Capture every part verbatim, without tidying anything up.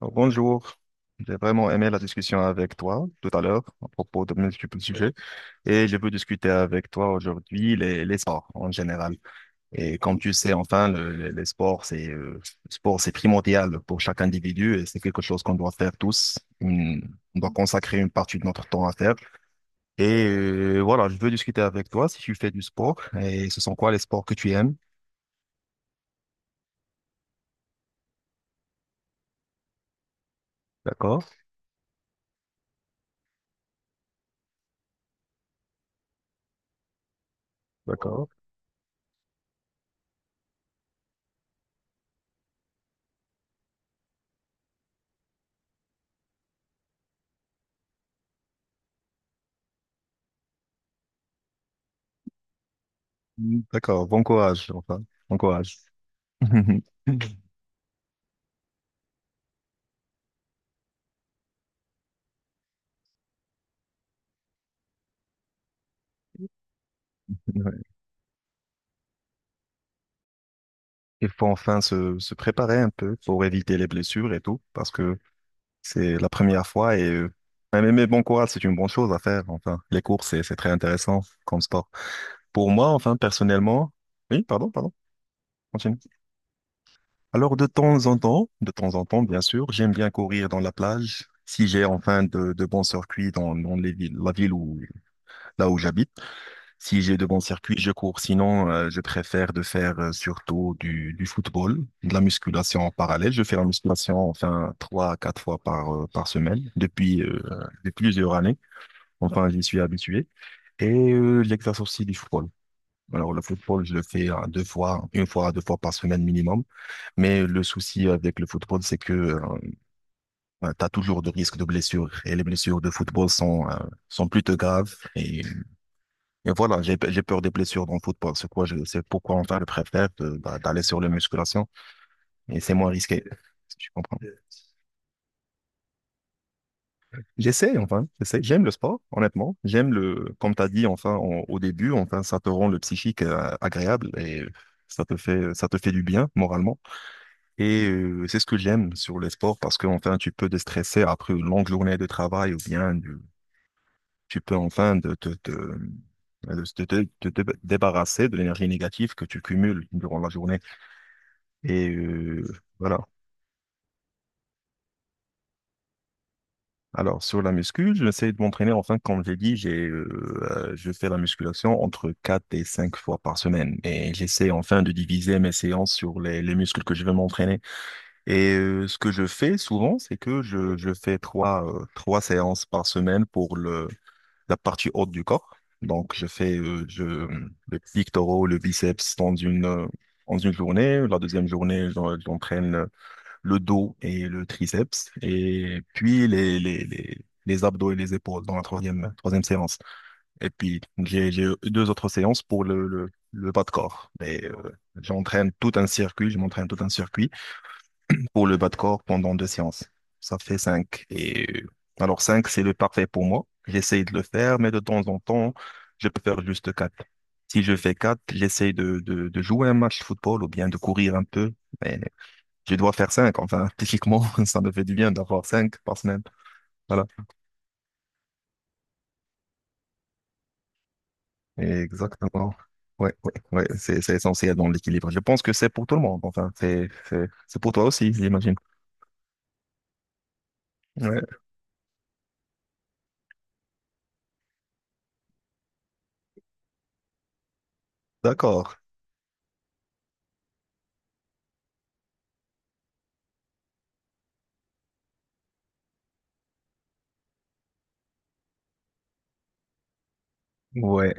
Alors, bonjour, j'ai vraiment aimé la discussion avec toi tout à l'heure à propos de multiples sujets et je veux discuter avec toi aujourd'hui les, les sports en général. Et comme tu sais, enfin, le- le- les sports, c'est euh, le sport, c'est primordial pour chaque individu et c'est quelque chose qu'on doit faire tous. Une- on doit consacrer une partie de notre temps à faire. Et euh, voilà, je veux discuter avec toi si tu fais du sport et ce sont quoi les sports que tu aimes? D'accord? D'accord. Mm, d'accord, bon courage, enfin, bon courage. Ouais. Il faut enfin se, se préparer un peu pour éviter les blessures et tout, parce que c'est la première fois et euh, mais, mais bon courage, c'est une bonne chose à faire. Enfin, les courses, c'est c'est très intéressant comme sport. Pour moi, enfin, personnellement, oui, pardon, pardon, continue. Alors, de temps en temps, de temps en temps, bien sûr, j'aime bien courir dans la plage. Si j'ai enfin de, de bons circuits dans, dans les villes, la ville où, là où j'habite, si j'ai de bons circuits, je cours. Sinon, euh, je préfère de faire euh, surtout du, du football, de la musculation en parallèle. Je fais la musculation enfin trois à quatre fois par, euh, par semaine depuis, euh, depuis plusieurs années. Enfin, j'y suis habitué. Et euh, l'exercice aussi du football. Alors, le football, je le fais euh, deux fois, une fois à deux fois par semaine minimum. Mais le souci avec le football, c'est que tu as toujours de risques de blessures. Et les blessures de football sont, euh, sont plutôt graves. Et, et voilà, j'ai, j'ai peur des blessures dans le football. C'est quoi, je- c'est pourquoi on va le préfère de- bah, d'aller sur les musculations. Et c'est moins risqué, si tu comprends. J'essaie, enfin, j'essaie. J'aime le sport, honnêtement. J'aime le, comme tu as dit, enfin, en- au début, enfin, ça te rend le psychique euh, agréable et ça te fait, ça te fait du bien moralement. Et euh, c'est ce que j'aime sur le sport parce que, enfin, tu peux déstresser après une longue journée de travail ou bien du- tu peux, enfin, de, te te- de te- te- te- te débarrasser de l'énergie négative que tu cumules durant la journée. Et euh, voilà. Alors, sur la muscu, j'essaie de m'entraîner. Enfin, comme j'ai dit, j'ai, euh, euh, je fais la musculation entre quatre et cinq fois par semaine. Et j'essaie enfin de diviser mes séances sur les, les muscles que je veux m'entraîner. Et euh, ce que je fais souvent, c'est que je, je fais trois, euh, trois séances par semaine pour le, la partie haute du corps. Donc, je fais euh, je, le pectoraux, le biceps dans une, euh, dans une journée. La deuxième journée, j'en- j'entraîne le dos et le triceps, et puis les, les, les, les abdos et les épaules dans la troisième, troisième séance. Et puis, j'ai, j'ai deux autres séances pour le, le, le bas de corps. Mais euh, j'entraîne tout un circuit, je m'entraîne tout un circuit pour le bas de corps pendant deux séances. Ça fait cinq. Et euh, alors, cinq, c'est le parfait pour moi. J'essaye de le faire, mais de temps en temps, je peux faire juste quatre. Si je fais quatre, j'essaye de, de, de jouer un match de football ou bien de courir un peu. Mais je dois faire cinq. Enfin, typiquement, ça me fait du bien d'avoir cinq par semaine. Voilà. Exactement. Ouais, ouais, ouais. C'est, c'est essentiel dans l'équilibre. Je pense que c'est pour tout le monde. Enfin, c'est, c'est, c'est pour toi aussi, j'imagine. Ouais. D'accord. Ouais,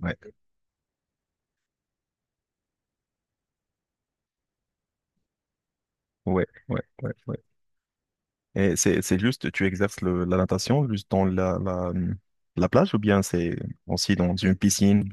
ouais, ouais, ouais, ouais, ouais. Et c'est, c'est juste, tu exerces le, la natation juste dans la, la, la plage ou bien c'est aussi dans une piscine?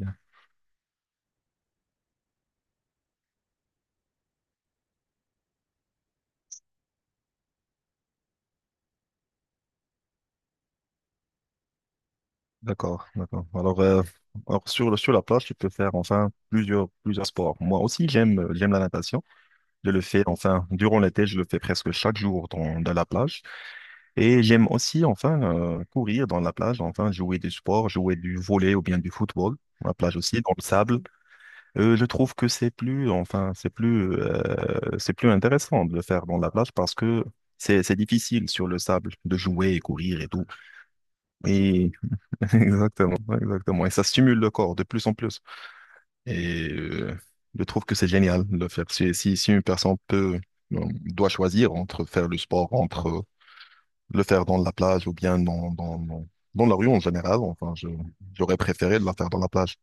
D'accord, d'accord. Alors, euh, alors sur, le- sur la plage, tu peux faire enfin plusieurs, plusieurs sports. Moi aussi, j'aime, j'aime la natation. Je le fais, enfin, durant l'été, je le fais presque chaque jour dans, dans la plage. Et j'aime aussi, enfin, euh, courir dans la plage, enfin, jouer du sport, jouer du volley ou bien du football. La plage aussi, dans le sable. Euh, je trouve que c'est plus, enfin, c'est plus, euh, c'est plus intéressant de le faire dans la plage parce que c'est, c'est difficile sur le sable de jouer et courir et tout. Et exactement, exactement. Et ça stimule le corps de plus en plus. Et euh, je trouve que c'est génial de le faire. Si, si, si une personne peut, euh, doit choisir entre faire le sport, entre euh, le faire dans la plage ou bien dans, dans, dans, dans la rue en général, enfin, je, j'aurais préféré de la faire dans la plage.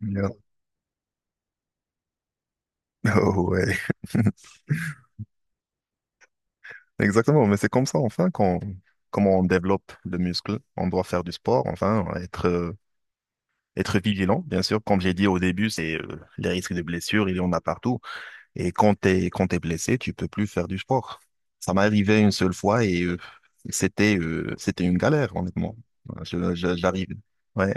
Yeah. Oh, ouais. Exactement, mais c'est comme ça, enfin, quand, comment on développe le muscle, on doit faire du sport, enfin, être, euh, être vigilant, bien sûr. Comme j'ai dit au début, c'est euh, les risques de blessures, il y en a partout. Et quand t'es, quand t'es blessé, tu peux plus faire du sport. Ça m'est arrivé une seule fois et euh, c'était euh, c'était une galère, honnêtement. Voilà. Je- je- j'arrive. Ouais.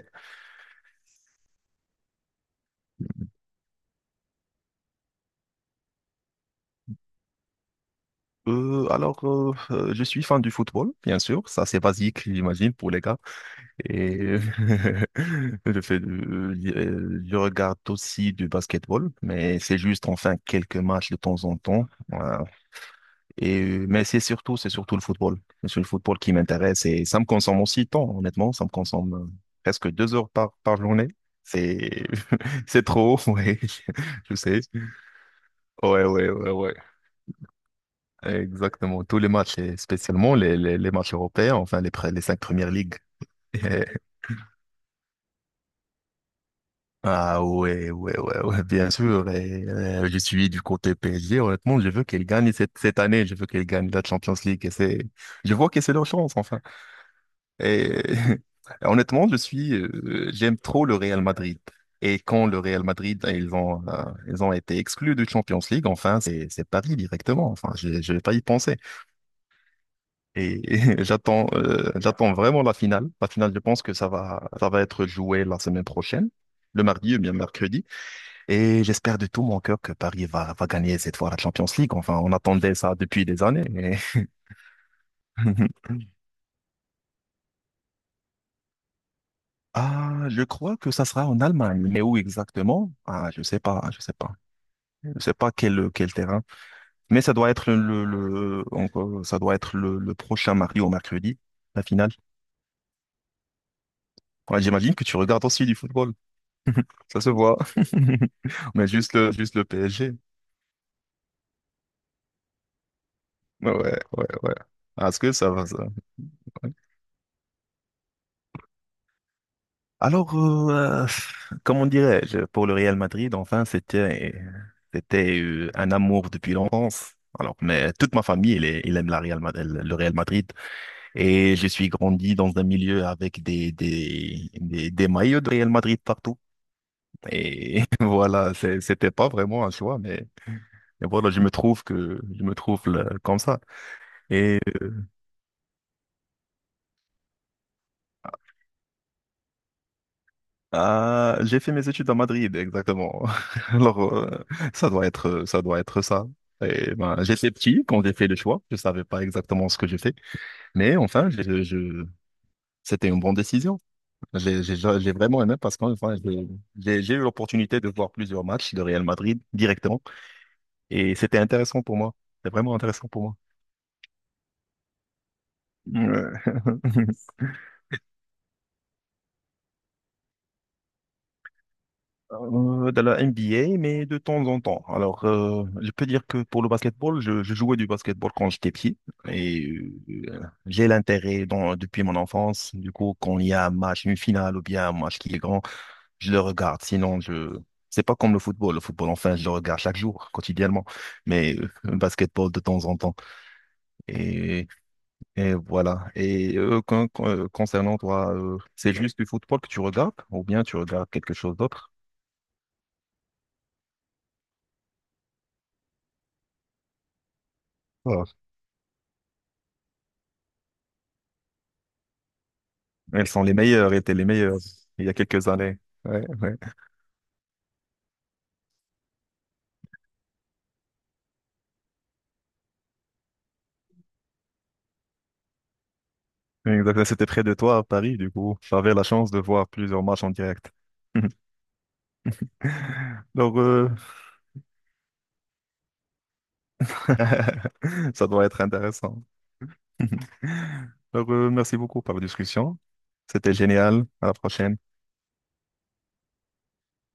Euh, alors, euh, euh, je suis fan du football, bien sûr. Ça, c'est basique, j'imagine, pour les gars. Et euh, je fais, du- euh, je regarde aussi du basketball, mais c'est juste, enfin, quelques matchs de temps en temps. Euh, Et, euh, mais c'est surtout, c'est surtout le football. C'est le football qui m'intéresse et ça me consomme aussi de temps, honnêtement. Ça me consomme euh, presque deux heures par, par journée. C'est, c'est trop, ouais. Je sais. Ouais, ouais, ouais, ouais. Exactement. Tous les matchs, et spécialement les, les, les matchs européens, enfin, les, pre- les cinq premières ligues. Et- Ah ouais, ouais, ouais, ouais, bien sûr. Et, euh, je suis du côté P S G. Honnêtement, je veux qu'elle gagne cette, cette année. Je veux qu'elle gagne la Champions League. Et c'est, je vois que c'est leur chance, enfin. Et honnêtement, je suis, euh, j'aime trop le Real Madrid. Et quand le Real Madrid, euh, ils vont, euh, ils ont été exclus de Champions League, enfin, c'est, c'est Paris directement. Enfin, je, je vais pas y penser. Et, j'attends, euh, j'attends vraiment la finale. La finale, je pense que ça va, ça va être joué la semaine prochaine, le mardi ou bien mercredi. Et j'espère de tout mon cœur que Paris va, va gagner cette fois la Champions League. Enfin, on attendait ça depuis des années. Mais ah, je crois que ça sera en Allemagne, mais où exactement? Ah, je sais pas, je sais pas, je sais pas quel quel terrain. Mais ça doit être le le encore, ça doit être le, le prochain mardi ou mercredi, la finale. Ouais, j'imagine que tu regardes aussi du football, ça se voit. Mais juste le juste le P S G. Ouais, ouais, ouais. Ah, est-ce que ça va ça? Alors, euh, euh, comment dirais-je, pour le Real Madrid, enfin, c'était, c'était euh, un amour depuis l'enfance. Alors, mais toute ma famille, elle, est- elle aime la Real, Ma- le Real Madrid. Et je suis grandi dans un milieu avec des, des, des, des maillots de Real Madrid partout. Et voilà, c'est- c'était pas vraiment un choix, mais, mais, voilà, je me trouve que, je me trouve euh, comme ça. Ah, j'ai fait mes études à Madrid, exactement. Alors, euh, ça doit être, ça doit être ça. Et ben, j'étais petit quand j'ai fait le choix. Je savais pas exactement ce que j'ai fait. Mais enfin, je, je- c'était une bonne décision. J'ai, j'ai, j'ai vraiment aimé parce qu'en enfin, j'ai, j'ai j'ai eu l'opportunité de voir plusieurs matchs de Real Madrid directement. Et c'était intéressant pour moi. C'était vraiment intéressant pour moi. Ouais. euh, de la N B A, mais de temps en temps. Alors, euh, je peux dire que pour le basketball, je, je jouais du basketball quand j'étais petit et euh, j'ai l'intérêt dans- depuis mon enfance. Du coup, quand il y a un match, une finale ou bien un match qui est grand, je le regarde. Sinon, je c'est pas comme le football. Le football, enfin, je le regarde chaque jour, quotidiennement. Mais euh, le basketball de temps en temps. Et, et voilà. Et euh, con- con- euh, concernant toi, euh, c'est juste du football que tu regardes ou bien tu regardes quelque chose d'autre? Ah. Elles sont les meilleures, étaient les meilleures il y a quelques années. Ouais, ouais. Exactement. C'était près de toi à Paris, du coup. J'avais la chance de voir plusieurs matchs en direct. Donc, euh, ça doit être intéressant. Donc, euh, merci beaucoup pour la discussion. C'était génial. À la prochaine.